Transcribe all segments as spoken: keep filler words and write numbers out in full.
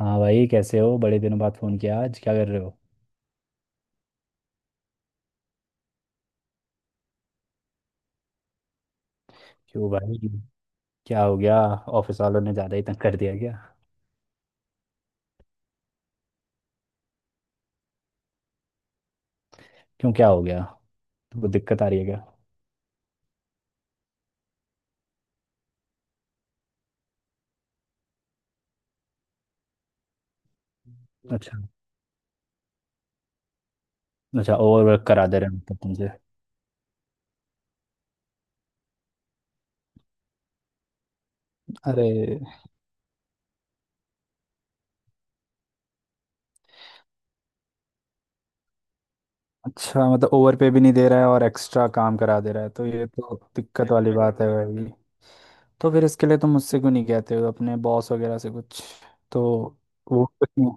हाँ भाई, कैसे हो? बड़े दिनों बाद फोन किया। आज क्या कर रहे हो? क्यों भाई, क्या हो गया? ऑफिस वालों ने ज़्यादा ही तंग कर दिया क्या? क्यों, क्या हो गया? तुमको दिक्कत आ रही है क्या? अच्छा, अच्छा, ओवर वर्क करा दे रहे हैं मतलब तुमसे। अरे, अच्छा मतलब ओवर पे भी नहीं दे रहा है और एक्स्ट्रा काम करा दे रहा है, तो ये तो दिक्कत वाली बात है भाई। तो फिर इसके लिए तुम मुझसे क्यों नहीं कहते हो अपने बॉस वगैरह से कुछ? तो वो कुछ नहीं।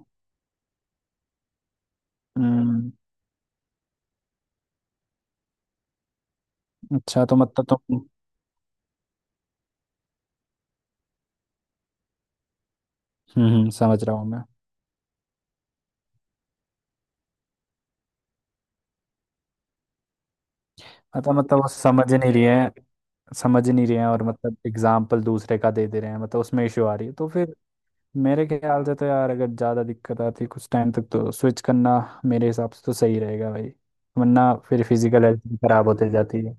हम्म। अच्छा, तो मतलब तुम। हम्म हम्म, समझ रहा हूँ मैं। मतलब मतलब वो समझ नहीं रही है। समझ नहीं रहे हैं और मतलब एग्जाम्पल दूसरे का दे दे रहे हैं, मतलब उसमें इशू आ रही है तो फिर मेरे ख्याल से तो यार, अगर ज़्यादा दिक्कत आती है कुछ टाइम तक, तो स्विच करना मेरे हिसाब से तो सही रहेगा भाई। वरना फिर फिजिकल हेल्थ भी खराब होते जाती है।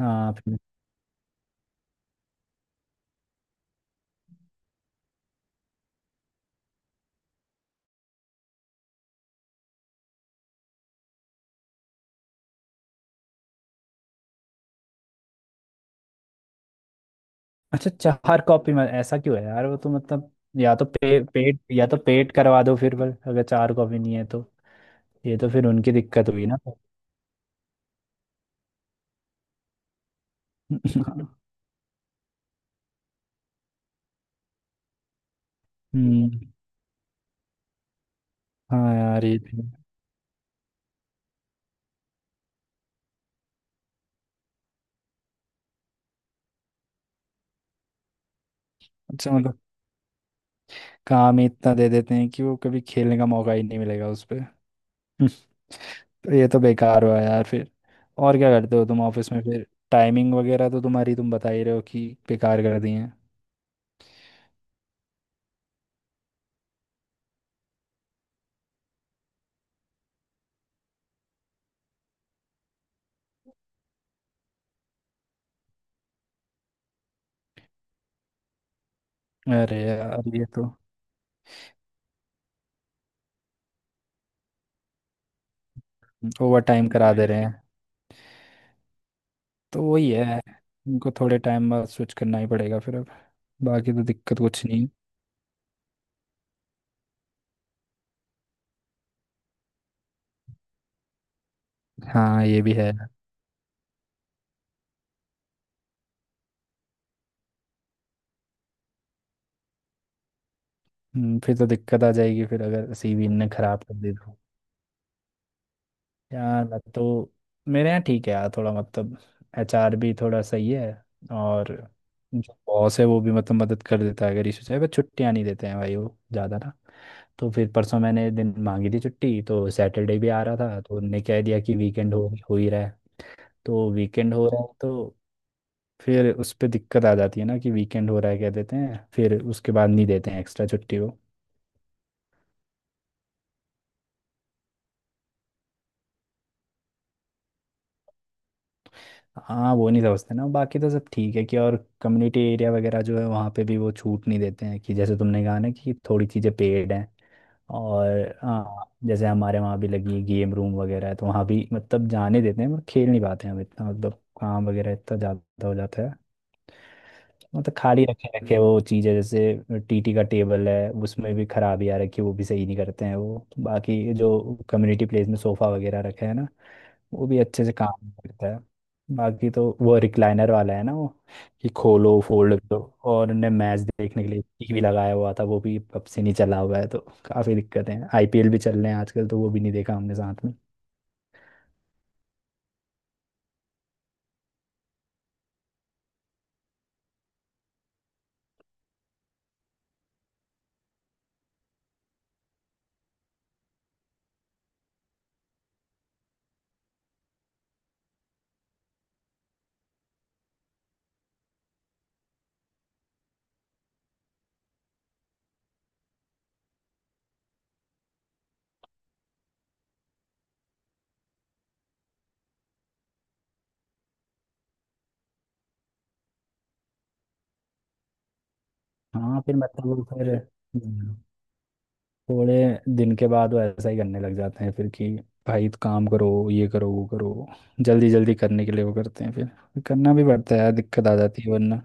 हाँ फिर अच्छा, चार कॉपी में ऐसा क्यों है यार? वो तो मतलब या तो पे, पेट या तो पेट करवा दो फिर, पर अगर चार कॉपी नहीं है तो ये तो फिर उनकी दिक्कत हुई ना। हम्म। हाँ यार, ये भी है। अच्छा मतलब काम ही इतना दे देते हैं कि वो कभी खेलने का मौका ही नहीं मिलेगा उस पे। हम्म, तो ये तो बेकार हुआ यार फिर। और क्या करते हो तुम ऑफिस में फिर? टाइमिंग वगैरह तो तुम्हारी तुम बता ही रहे हो कि बेकार कर दी है। अरे यार, ये तो ओवर टाइम करा दे रहे हैं। तो वही है, उनको थोड़े टाइम बाद स्विच करना ही पड़ेगा फिर अब, बाकी तो दिक्कत कुछ नहीं। हाँ, ये भी है। हम्म, फिर तो दिक्कत आ जाएगी फिर अगर सीवी ने खराब कर दी तो। यार मैं तो मेरे यहाँ ठीक है यार, थोड़ा मतलब एचआर भी थोड़ा सही है। और जो बॉस है वो भी मतलब मदद कर देता है अगर इशू चाहिए। बस छुट्टियाँ नहीं देते हैं भाई वो ज़्यादा ना। तो फिर परसों मैंने दिन मांगी थी छुट्टी, तो सैटरडे भी आ रहा था तो उनने कह दिया कि वीकेंड हो हो ही रहा है। तो वीकेंड हो रहा है तो फिर उस पर दिक्कत आ जाती है ना कि वीकेंड हो रहा है कह देते हैं, फिर उसके बाद नहीं देते हैं एक्स्ट्रा छुट्टी वो। हाँ वो नहीं समझते ना। बाकी तो सब ठीक है कि और कम्युनिटी एरिया वगैरह जो है वहाँ पे भी वो छूट नहीं देते हैं, कि जैसे तुमने कहा ना कि थोड़ी चीज़ें पेड हैं। और हाँ, जैसे हमारे वहाँ भी लगी गेम रूम वगैरह है तो वहाँ भी मतलब जाने देते हैं, पर खेल नहीं पाते हैं हम इतना। मतलब काम वगैरह इतना ज़्यादा हो जाता है। मतलब खाली रखे रखे वो चीज़ है, जैसे टीटी का टेबल है उसमें भी खराबी आ रखी है, वो भी सही नहीं करते हैं वो। बाकी जो कम्युनिटी प्लेस में सोफ़ा वगैरह रखा है ना, वो भी अच्छे से काम करता है। बाकी तो वो रिक्लाइनर वाला है ना वो, कि खोलो फोल्ड करो। और उनने मैच देखने के लिए टीवी भी लगाया हुआ था, वो भी अब से नहीं चला हुआ है, तो काफ़ी दिक्कतें हैं। आईपीएल भी चल रहे हैं आजकल, तो वो भी नहीं देखा हमने साथ में। हाँ फिर मतलब वो फिर हम्म, थोड़े दिन के बाद वो ऐसा ही करने लग जाते हैं फिर कि भाई तो काम करो, ये करो, वो करो। जल्दी जल्दी करने के लिए वो करते हैं, फिर फिर करना भी पड़ता है दिक्कत आ जाती है, वरना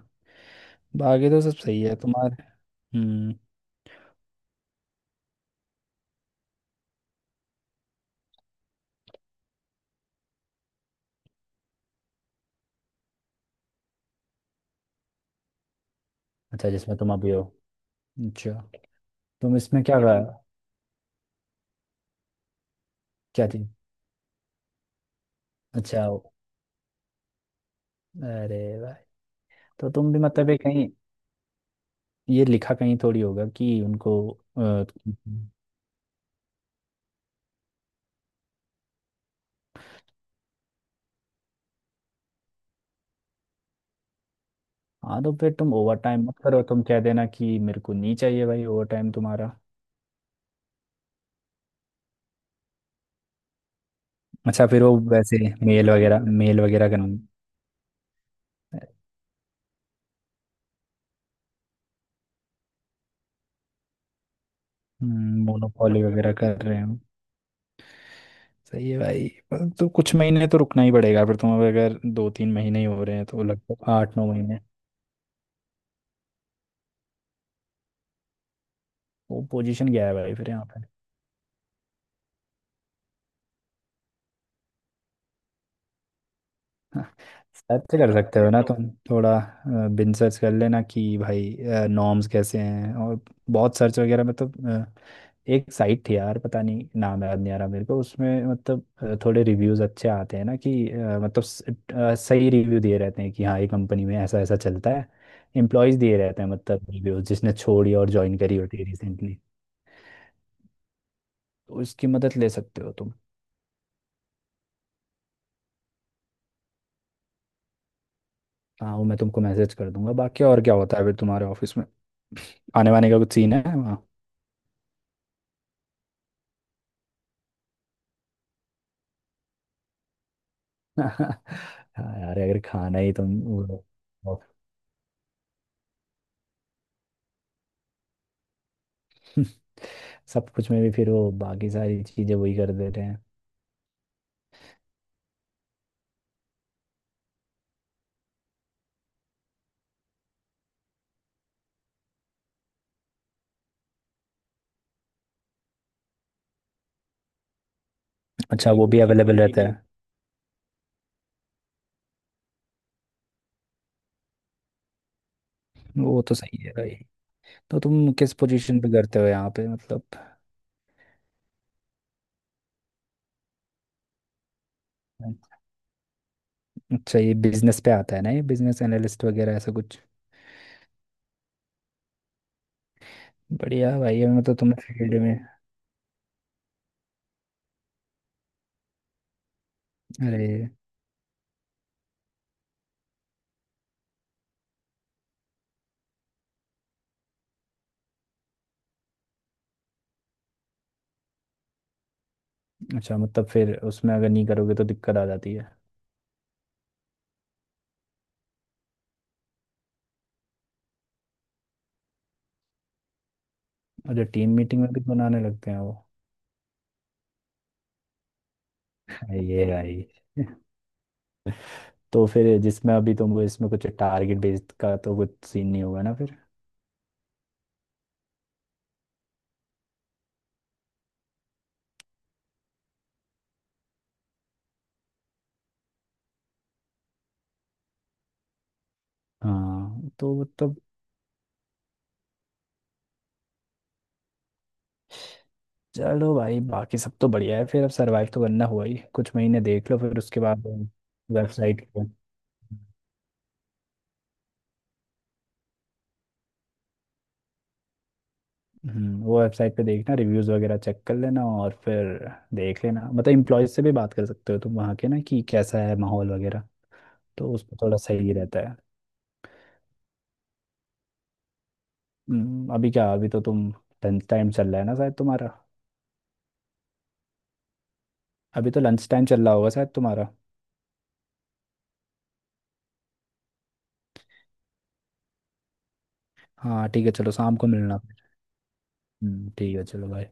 बाकी तो सब सही है तुम्हारे। हम्म। अच्छा, जिसमें तुम अभी हो? अच्छा, तुम इसमें क्या? क्या थी? अच्छा। अरे भाई, तो तुम भी मतलब ये कहीं ये लिखा कहीं थोड़ी होगा कि उनको। अ, हाँ तो फिर तुम ओवर टाइम मत करो, तुम कह देना कि मेरे को नहीं चाहिए भाई ओवर टाइम तुम्हारा। अच्छा, फिर वो वैसे मेल वगैरह मेल वगैरह का मोनोपॉली वगैरह कर रहे हो। सही है भाई, पर तो कुछ महीने तो रुकना ही पड़ेगा फिर तुम। अब अगर दो तीन महीने ही हो रहे हैं तो लगभग आठ नौ महीने वो पोजीशन गया है भाई फिर यहाँ। सर्च कर सकते हो ना, तो तुम थोड़ा अ, बिन सर्च कर लेना कि भाई नॉर्म्स कैसे हैं। और बहुत सर्च वगैरह में तो अ, एक साइट थी यार, पता नहीं नाम याद नहीं आ रहा मेरे को। उसमें मतलब अ, थोड़े रिव्यूज अच्छे आते हैं ना कि अ, मतलब स- अ, सही रिव्यू दिए रहते हैं कि हाँ, ये कंपनी में ऐसा ऐसा चलता है। एम्प्लॉयज दिए रहते हैं मतलब रिव्यूज, जिसने छोड़ी और ज्वाइन करी होती है रिसेंटली। तो उसकी मदद ले सकते हो तुम। हाँ वो मैं तुमको मैसेज कर दूंगा। बाकी और क्या होता है फिर तुम्हारे ऑफिस में, आने वाने का कुछ सीन है? हाँ यार, अगर खाना ही तुम वो। वो- सब कुछ में भी फिर वो बाकी सारी चीजें वही कर देते हैं। अच्छा, वो भी बिल्कुल अवेलेबल रहता है? वो तो सही है भाई। तो तुम किस पोजीशन पे करते हो यहाँ पे मतलब? अच्छा, ये बिजनेस पे आता है ना, ये बिजनेस एनालिस्ट वगैरह ऐसा कुछ? बढ़िया है भाई, ये मतलब तुमने फील्ड में। अरे। अच्छा मतलब फिर उसमें अगर नहीं करोगे तो दिक्कत आ जाती है। और जो टीम मीटिंग में भी तो बनाने लगते हैं वो। हाँ, ये भाई। तो फिर जिसमें अभी तुम इसमें कुछ टारगेट बेस्ड का तो कुछ सीन नहीं होगा ना फिर? हाँ तो वो तो चलो भाई, बाकी सब तो बढ़िया है फिर। अब सरवाइव तो करना हुआ ही, कुछ महीने देख लो फिर उसके बाद वेबसाइट पे। हम्म, वो वेबसाइट पे देखना रिव्यूज़ वगैरह चेक कर लेना, और फिर देख लेना। मतलब इम्प्लॉयज से भी बात कर सकते हो तुम वहाँ के ना, कि कैसा है माहौल वगैरह। तो उसमें थोड़ा सही रहता है। हम्म, अभी क्या, अभी तो तुम लंच टाइम चल रहा है ना शायद तुम्हारा? अभी तो लंच टाइम चल रहा होगा शायद तुम्हारा। हाँ ठीक है, चलो शाम को मिलना। हम्म, ठीक है चलो भाई।